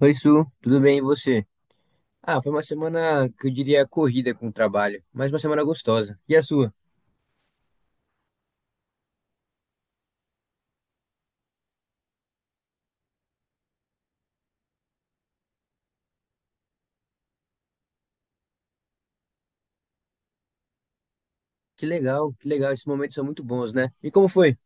Oi, Su, tudo bem e você? Ah, foi uma semana que eu diria corrida com o trabalho, mas uma semana gostosa. E a sua? Que legal, esses momentos são muito bons, né? E como foi?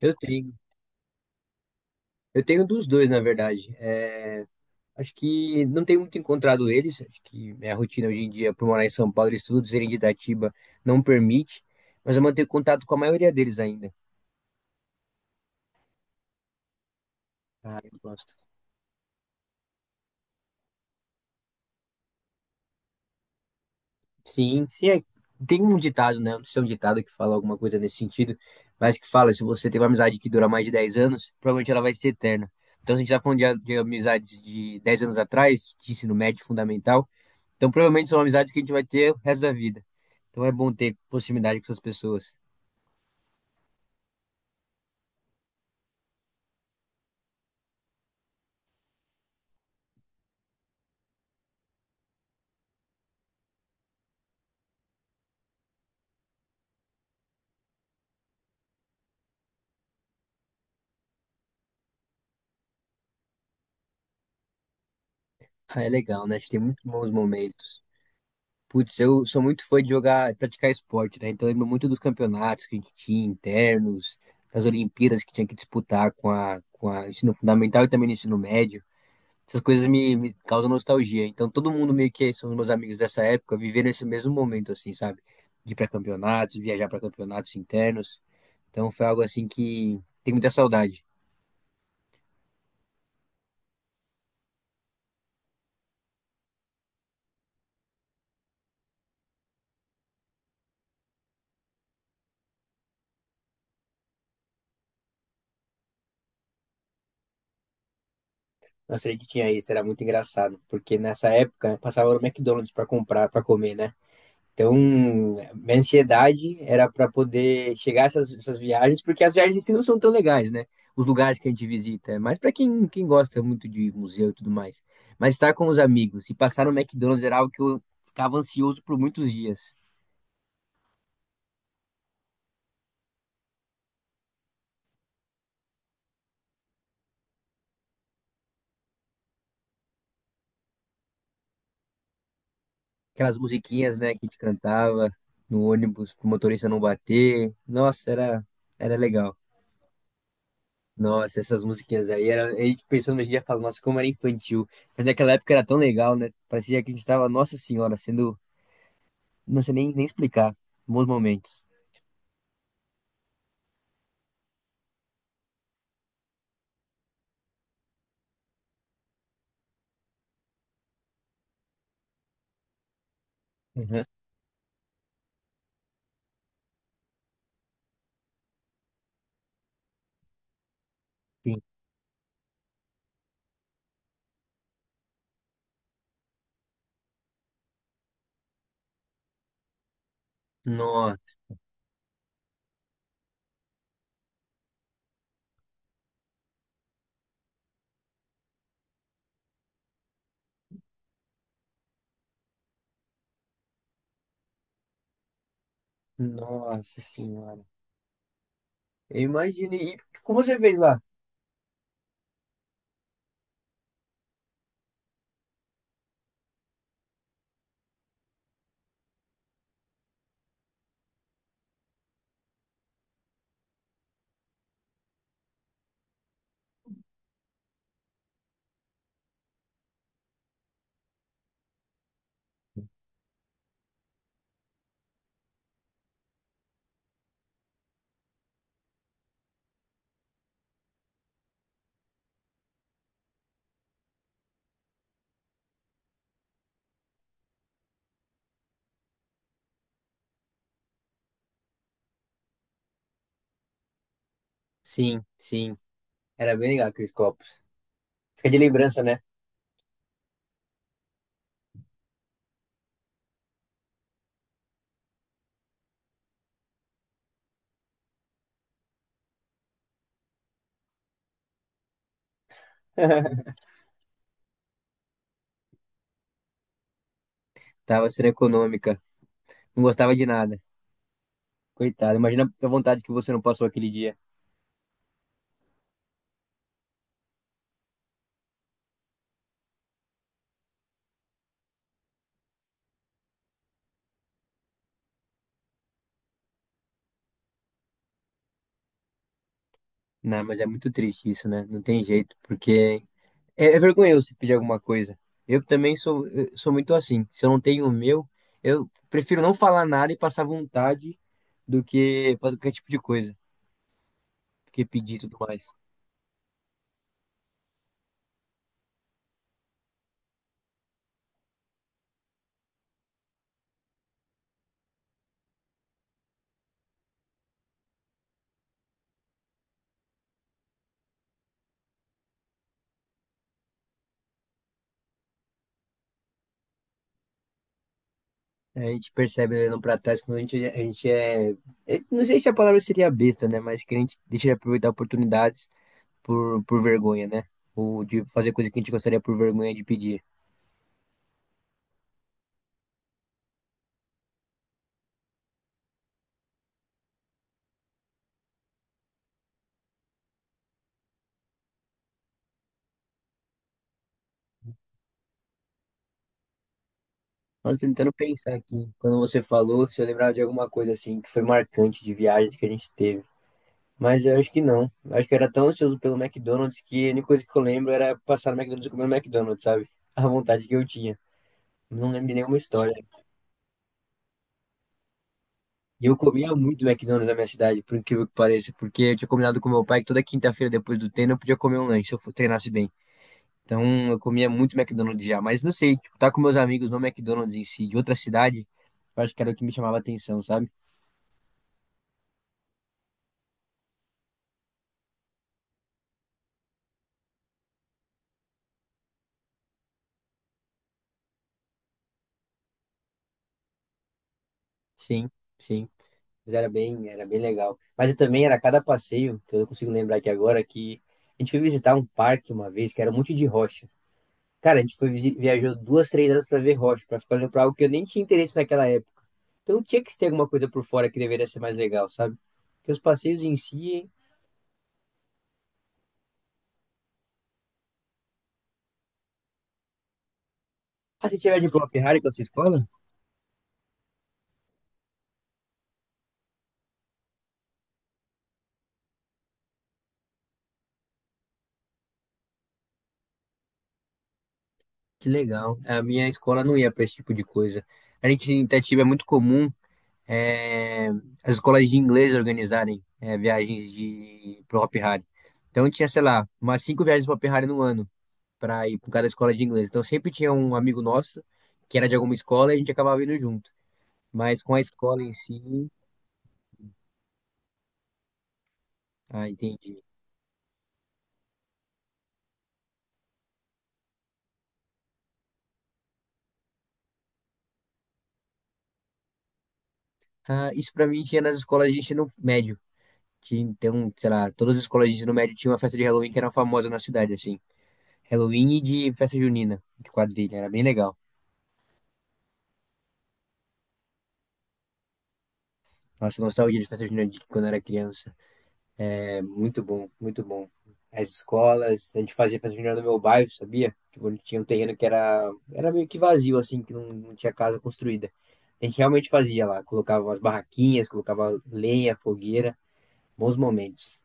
Eu tenho, eu tenho dos dois, na verdade. É, acho que não tenho muito encontrado eles, acho que minha rotina hoje em dia, por morar em São Paulo, e estudos em Itatiba, não permite, mas eu mantenho contato com a maioria deles ainda. Ah, eu gosto. Sim, sim, tem um ditado, né? Não sei é um ditado que fala alguma coisa nesse sentido, mas que fala, se você tem uma amizade que dura mais de 10 anos, provavelmente ela vai ser eterna. Então, se a gente tá falando de amizades de 10 anos atrás, de ensino médio fundamental, então provavelmente são amizades que a gente vai ter o resto da vida. Então é bom ter proximidade com essas pessoas. Ah, é legal, né? A gente tem muito bons momentos. Putz, eu sou muito fã de jogar, praticar esporte, né? Então eu lembro muito dos campeonatos que a gente tinha internos, das Olimpíadas que tinha que disputar com a ensino fundamental e também no ensino médio. Essas coisas me causam nostalgia. Então todo mundo meio que são os meus amigos dessa época, vivendo esse mesmo momento, assim, sabe? De ir pra campeonatos, viajar pra campeonatos internos. Então foi algo assim que tem muita saudade. Nossa, a gente tinha isso, era muito engraçado, porque nessa época né, passava no McDonald's pra comprar, pra comer, né? Então, minha ansiedade era para poder chegar a essas viagens, porque as viagens em si não são tão legais, né? Os lugares que a gente visita, mas para quem gosta muito de museu e tudo mais. Mas estar com os amigos e passar no McDonald's era algo que eu ficava ansioso por muitos dias. Aquelas musiquinhas, né, que a gente cantava no ônibus pro motorista não bater. Nossa, era legal. Nossa, essas musiquinhas aí, era, a gente pensando hoje em dia, fala, nossa, como era infantil. Mas naquela época era tão legal, né? Parecia que a gente estava, nossa senhora, sendo. Não sei nem explicar. Bons momentos. Uhum. Sim. Nossa, nossa senhora. Eu imagino. E como você fez lá? Sim, sim. Era bem legal aqueles copos. Fica de lembrança, né? Tava sendo econômica. Não gostava de nada. Coitado. Imagina a vontade que você não passou aquele dia. Não, mas é muito triste isso, né? Não tem jeito, porque é, é vergonhoso se pedir alguma coisa. Eu sou muito assim. Se eu não tenho o meu, eu prefiro não falar nada e passar vontade do que fazer qualquer tipo de coisa, do que pedir e tudo mais. É, a gente percebe olhando pra trás quando a gente é, não sei se a palavra seria besta, né? Mas que a gente deixa de aproveitar oportunidades por vergonha, né? Ou de fazer coisa que a gente gostaria por vergonha de pedir. Nós tentando pensar aqui, quando você falou, se eu lembrava de alguma coisa assim que foi marcante de viagem que a gente teve. Mas eu acho que não. Eu acho que eu era tão ansioso pelo McDonald's que a única coisa que eu lembro era passar no McDonald's e comer no McDonald's, sabe? A vontade que eu tinha. Não lembro de nenhuma história. E eu comia muito McDonald's na minha cidade, por incrível que pareça, porque eu tinha combinado com meu pai que toda quinta-feira depois do treino eu podia comer um lanche se eu treinasse bem. Então eu comia muito McDonald's já, mas não sei, tipo, tá com meus amigos no McDonald's em si, de outra cidade, eu acho que era o que me chamava a atenção, sabe? Sim, sim. Mas era bem legal. Mas eu também era cada passeio, que eu não consigo lembrar aqui agora, que a gente foi visitar um parque uma vez, que era um monte de rocha. Cara, a gente foi viajou duas, 3 horas pra ver rocha, pra ficar olhando pra algo que eu nem tinha interesse naquela época. Então tinha que ter alguma coisa por fora que deveria ser mais legal, sabe? Porque os passeios em si. Ah, você tiver diploma Ferrari com a sua escola? Que legal. A minha escola não ia pra esse tipo de coisa. A gente em Itatiba é muito comum. É, as escolas de inglês organizarem viagens de pro Hopi Hari. Então tinha, sei lá, umas cinco viagens pro Hopi Hari no ano para ir para cada escola de inglês. Então sempre tinha um amigo nosso que era de alguma escola e a gente acabava indo junto. Mas com a escola em si, ah, entendi. Ah, isso para mim tinha nas escolas de ensino médio. Tinha, então, sei lá, todas as escolas de ensino médio tinham uma festa de Halloween que era famosa na cidade, assim. Halloween e de festa junina, de quadrilha, era bem legal. Nossa, nostalgia de festa junina de quando eu era criança. É muito bom, muito bom. As escolas, a gente fazia festa junina no meu bairro, sabia? Tipo, tinha um terreno que era, era meio que vazio, assim, que não tinha casa construída. A gente realmente fazia lá, colocava umas barraquinhas, colocava lenha, fogueira, bons momentos.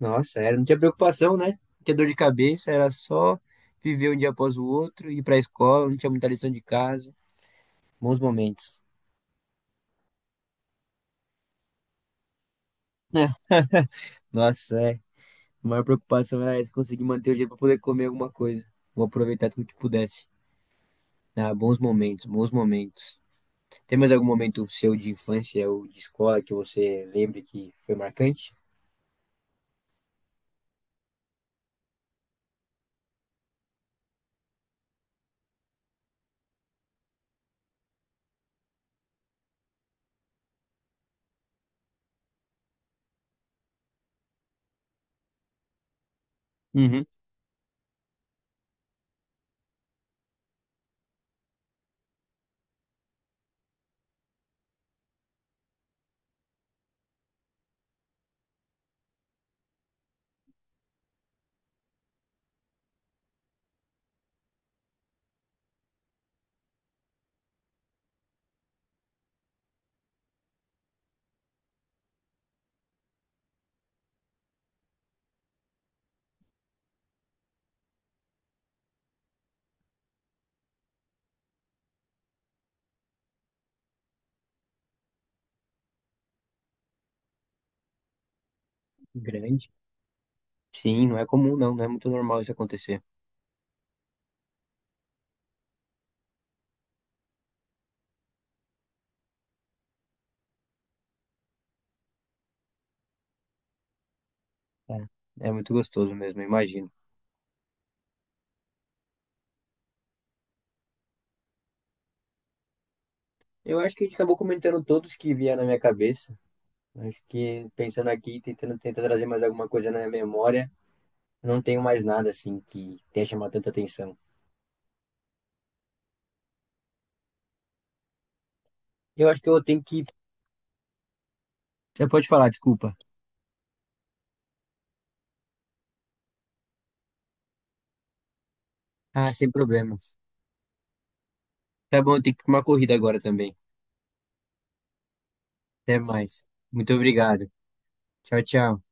Nossa, era, não tinha preocupação, né? Não tinha dor de cabeça, era só viver um dia após o outro, ir pra escola, não tinha muita lição de casa. Bons momentos. Nossa, é. A maior preocupação era essa, conseguir manter o dia pra poder comer alguma coisa. Vou aproveitar tudo que pudesse. Ah, bons momentos, bons momentos. Tem mais algum momento seu de infância ou de escola que você lembre que foi marcante? Uhum. Grande. Sim, não é comum, não. Não é muito normal isso acontecer. É, é muito gostoso mesmo, imagino. Eu acho que a gente acabou comentando todos que vieram na minha cabeça. Acho que pensando aqui, tentando trazer mais alguma coisa na minha memória, eu não tenho mais nada assim que tenha chamado tanta atenção. Eu acho que eu tenho que. Você pode falar, desculpa. Ah, sem problemas. Tá bom, eu tenho que ir pra uma corrida agora também. Até mais. Muito obrigado. Tchau, tchau.